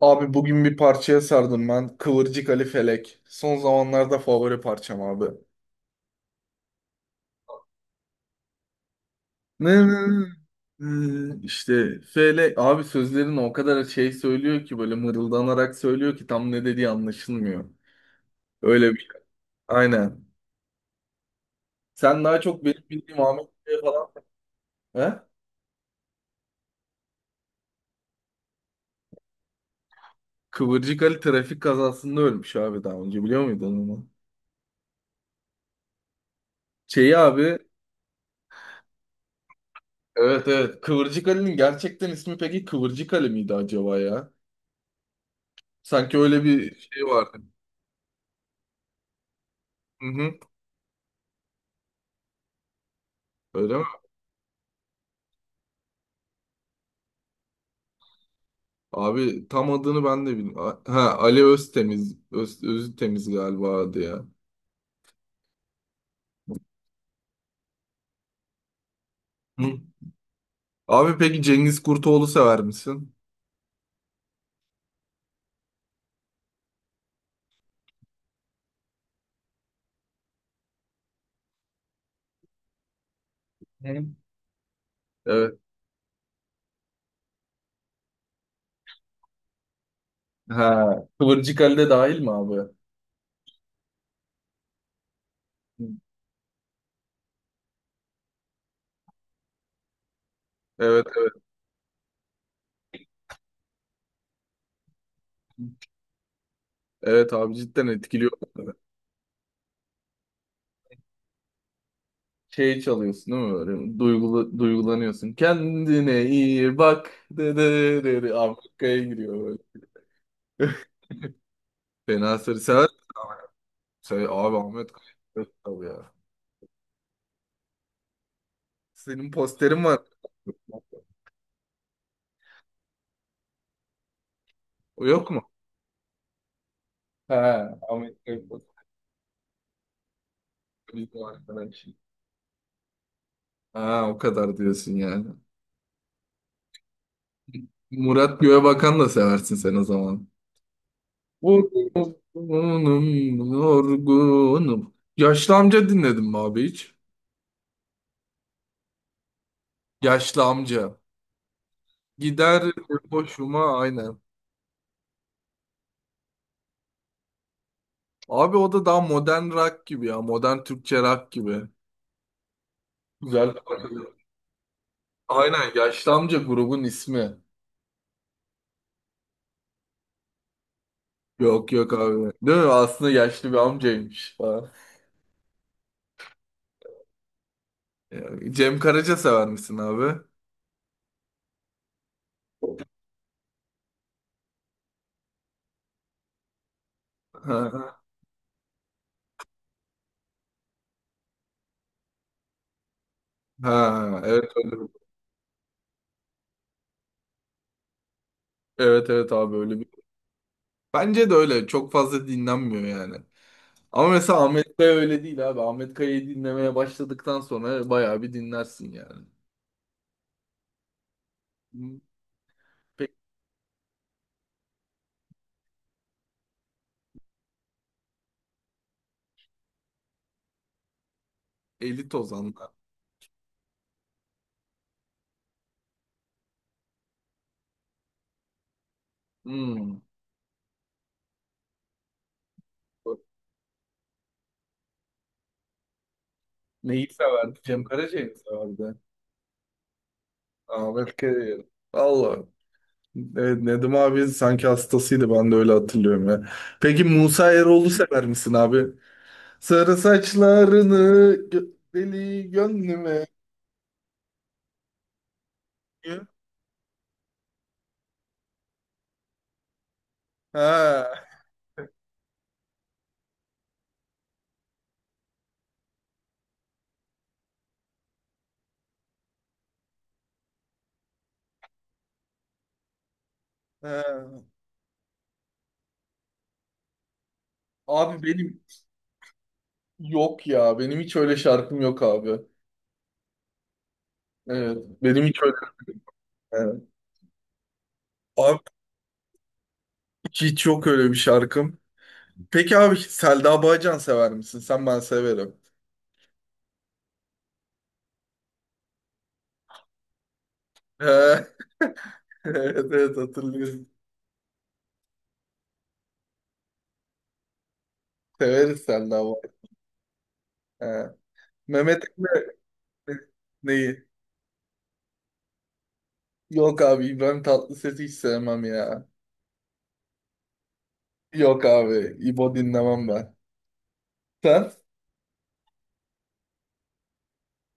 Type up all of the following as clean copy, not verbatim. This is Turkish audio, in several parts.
Abi bugün bir parçaya sardım ben. Kıvırcık Ali Felek. Son zamanlarda favori parçam abi. Ne ne ne. İşte Felek abi sözlerini o kadar şey söylüyor ki böyle mırıldanarak söylüyor ki tam ne dediği anlaşılmıyor. Öyle bir, aynen. Sen daha çok benim bildiğim Ahmet Bey falan. He? Kıvırcık Ali trafik kazasında ölmüş abi, daha önce biliyor muydun onu? Şeyi abi, evet evet, Kıvırcık Ali'nin gerçekten ismi peki Kıvırcık Ali miydi acaba ya? Sanki öyle bir şey vardı. Hı hı. Öyle mi? Abi tam adını ben de bilmiyorum. Ha, Ali Öztemiz. Öztemiz galiba adı ya. Hı. Abi peki Cengiz Kurtoğlu sever misin? Benim. Evet. Ha. Kıvırcık Ali de dahil mi abi? Hı. Evet evet. Evet abi cidden etkiliyor. Şey çalıyorsun değil mi böyle? Duygulu, duygulanıyorsun. Kendine iyi bak. De, de, de, de. Abi Kaya giriyor böyle. Fena sarı sever. Sever. Abi Ahmet Kaya. Tabii ya. Senin posterin var. Yok mu? Ha, Amerika'yı bir arkadaş. Ha, o kadar diyorsun yani. Murat Göğebakan da seversin sen o zaman. Vurgunum, yorgunum. Yaşlı amca dinledim mi abi hiç? Yaşlı amca. Gider boşuma, aynen. Abi o da daha modern rock gibi ya. Modern Türkçe rock gibi. Güzel. Aynen, yaşlı amca grubun ismi. Yok yok abi. Değil mi? Aslında yaşlı bir amcaymış falan. Ya, Cem Karaca sever misin abi? Ha, ha, evet öyle. Evet evet abi öyle bir. Bence de öyle. Çok fazla dinlenmiyor yani. Ama mesela Ahmet Kaya öyle değil abi. Ahmet Kaya'yı dinlemeye başladıktan sonra bayağı bir dinlersin yani. Hmm, Pek elit ozanlar. Hmm. Neyi severdi? Cem Karaca'yı mı severdi? Ahmet Kaya'yı. Allah. Evet, Nedim abi sanki hastasıydı, ben de öyle hatırlıyorum ya. Peki Musa Eroğlu sever misin abi? Sarı saçlarını gö deli gönlüme. Ha, ha. Abi benim yok ya. Benim hiç öyle şarkım yok abi. Evet. Benim hiç öyle. Evet. Abi hiç yok öyle bir şarkım. Peki abi Selda Bağcan sever misin? Sen ben severim. Ha, evet evet hatırlıyorum. Severiz Selda Bağcan. Ha. Mehmet Emre, neyi? Yok abi, İbrahim Tatlıses'i hiç sevmem ya. Yok abi, İbo dinlemem ben. Sen?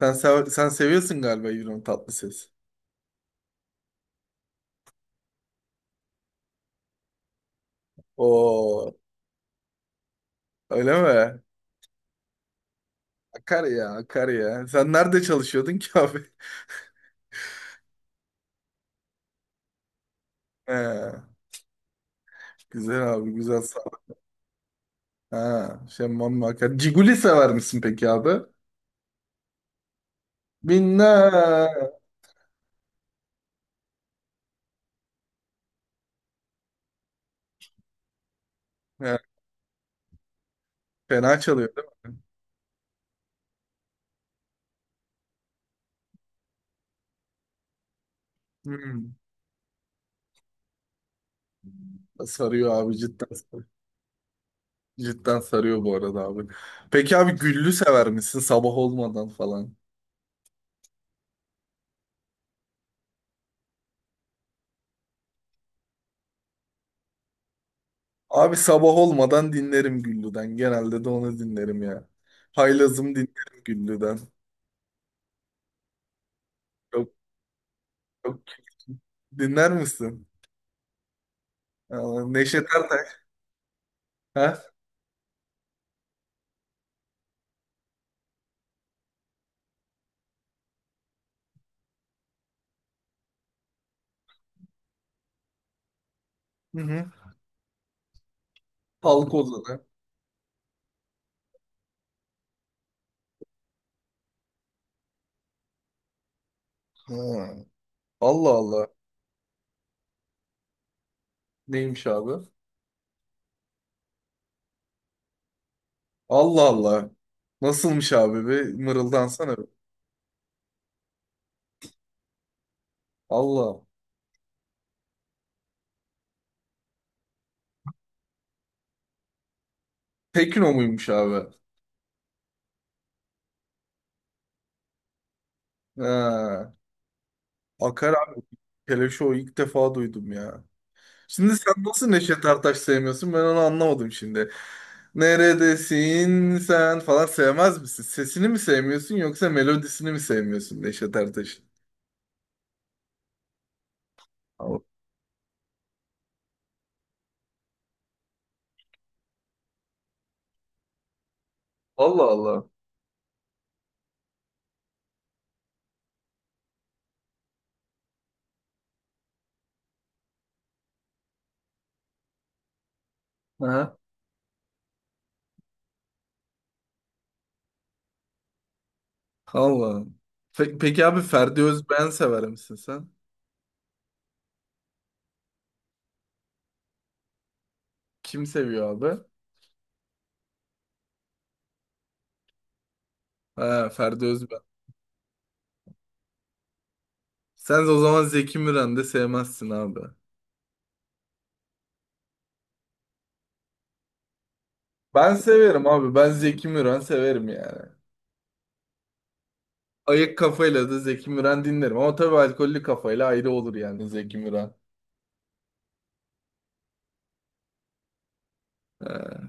Sen, sen seviyorsun galiba İbrahim Tatlıses. Oo, öyle mi? Akar ya, akar ya. Sen nerede çalışıyordun ki abi? He, güzel abi, güzel, sağ ol. Ha, şemmam akar. Ciguli sever misin peki abi? Binna. He, fena çalıyor değil mi? Hmm, sarıyor abi, cidden sarıyor. Cidden sarıyor bu arada abi. Peki abi güllü sever misin sabah olmadan falan? Abi sabah olmadan dinlerim güllüden. Genelde de onu dinlerim ya. Haylazım dinlerim güllüden. Çok çok dinler misin? Aa, Neşet Ertaş. Ha? Hı hı. Halk ozanı. Ha. Allah Allah. Neymiş abi? Allah Allah. Nasılmış abi? Bir mırıldansana bir. Allah. Tekno muymuş abi? Ha. Akar abi. Keleşo ilk defa duydum ya. Şimdi sen nasıl Neşet Ertaş sevmiyorsun? Ben onu anlamadım şimdi. Neredesin sen falan sevmez misin? Sesini mi sevmiyorsun yoksa melodisini mi sevmiyorsun Neşet Ertaş'ın? Allah Allah. Aha. Allah. Peki abi Ferdi Özbeğen sever misin sen? Kim seviyor abi? Ha, Ferdi Özbeğen. Sen de o zaman Zeki Müren de sevmezsin abi. Ben severim abi. Ben Zeki Müren severim yani. Ayık kafayla da Zeki Müren dinlerim. Ama tabii alkollü kafayla ayrı olur yani Zeki Müren. Ha,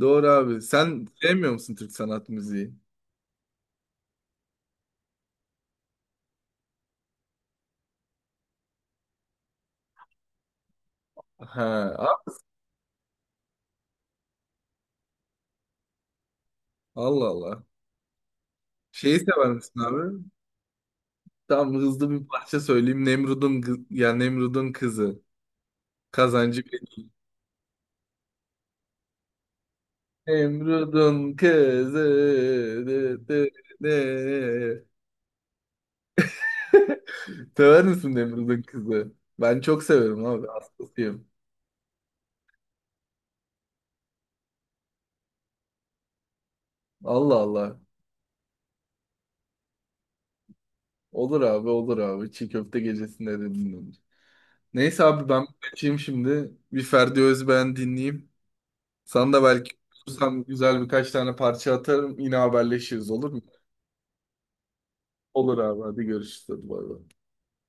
doğru abi. Sen sevmiyor musun Türk sanat müziği? Ha, a- Allah Allah. Şeyi sever misin abi? Tam hızlı bir parça söyleyeyim. Nemrud'un kızı. Kazancı. Emrud'un kızı. Dı, dı, dı. Sever misin Nemrud'un kızı? Ben çok severim abi. Hastasıyım. Allah Allah. Olur abi olur abi. Çiğ köfte gecesinde de dinlenir. Neyse abi ben kaçayım şimdi. Bir Ferdi Özbeğen dinleyeyim. Sana da belki bulursam güzel birkaç tane parça atarım. Yine haberleşiriz olur mu? Olur abi, hadi görüşürüz. Hadi bay bay.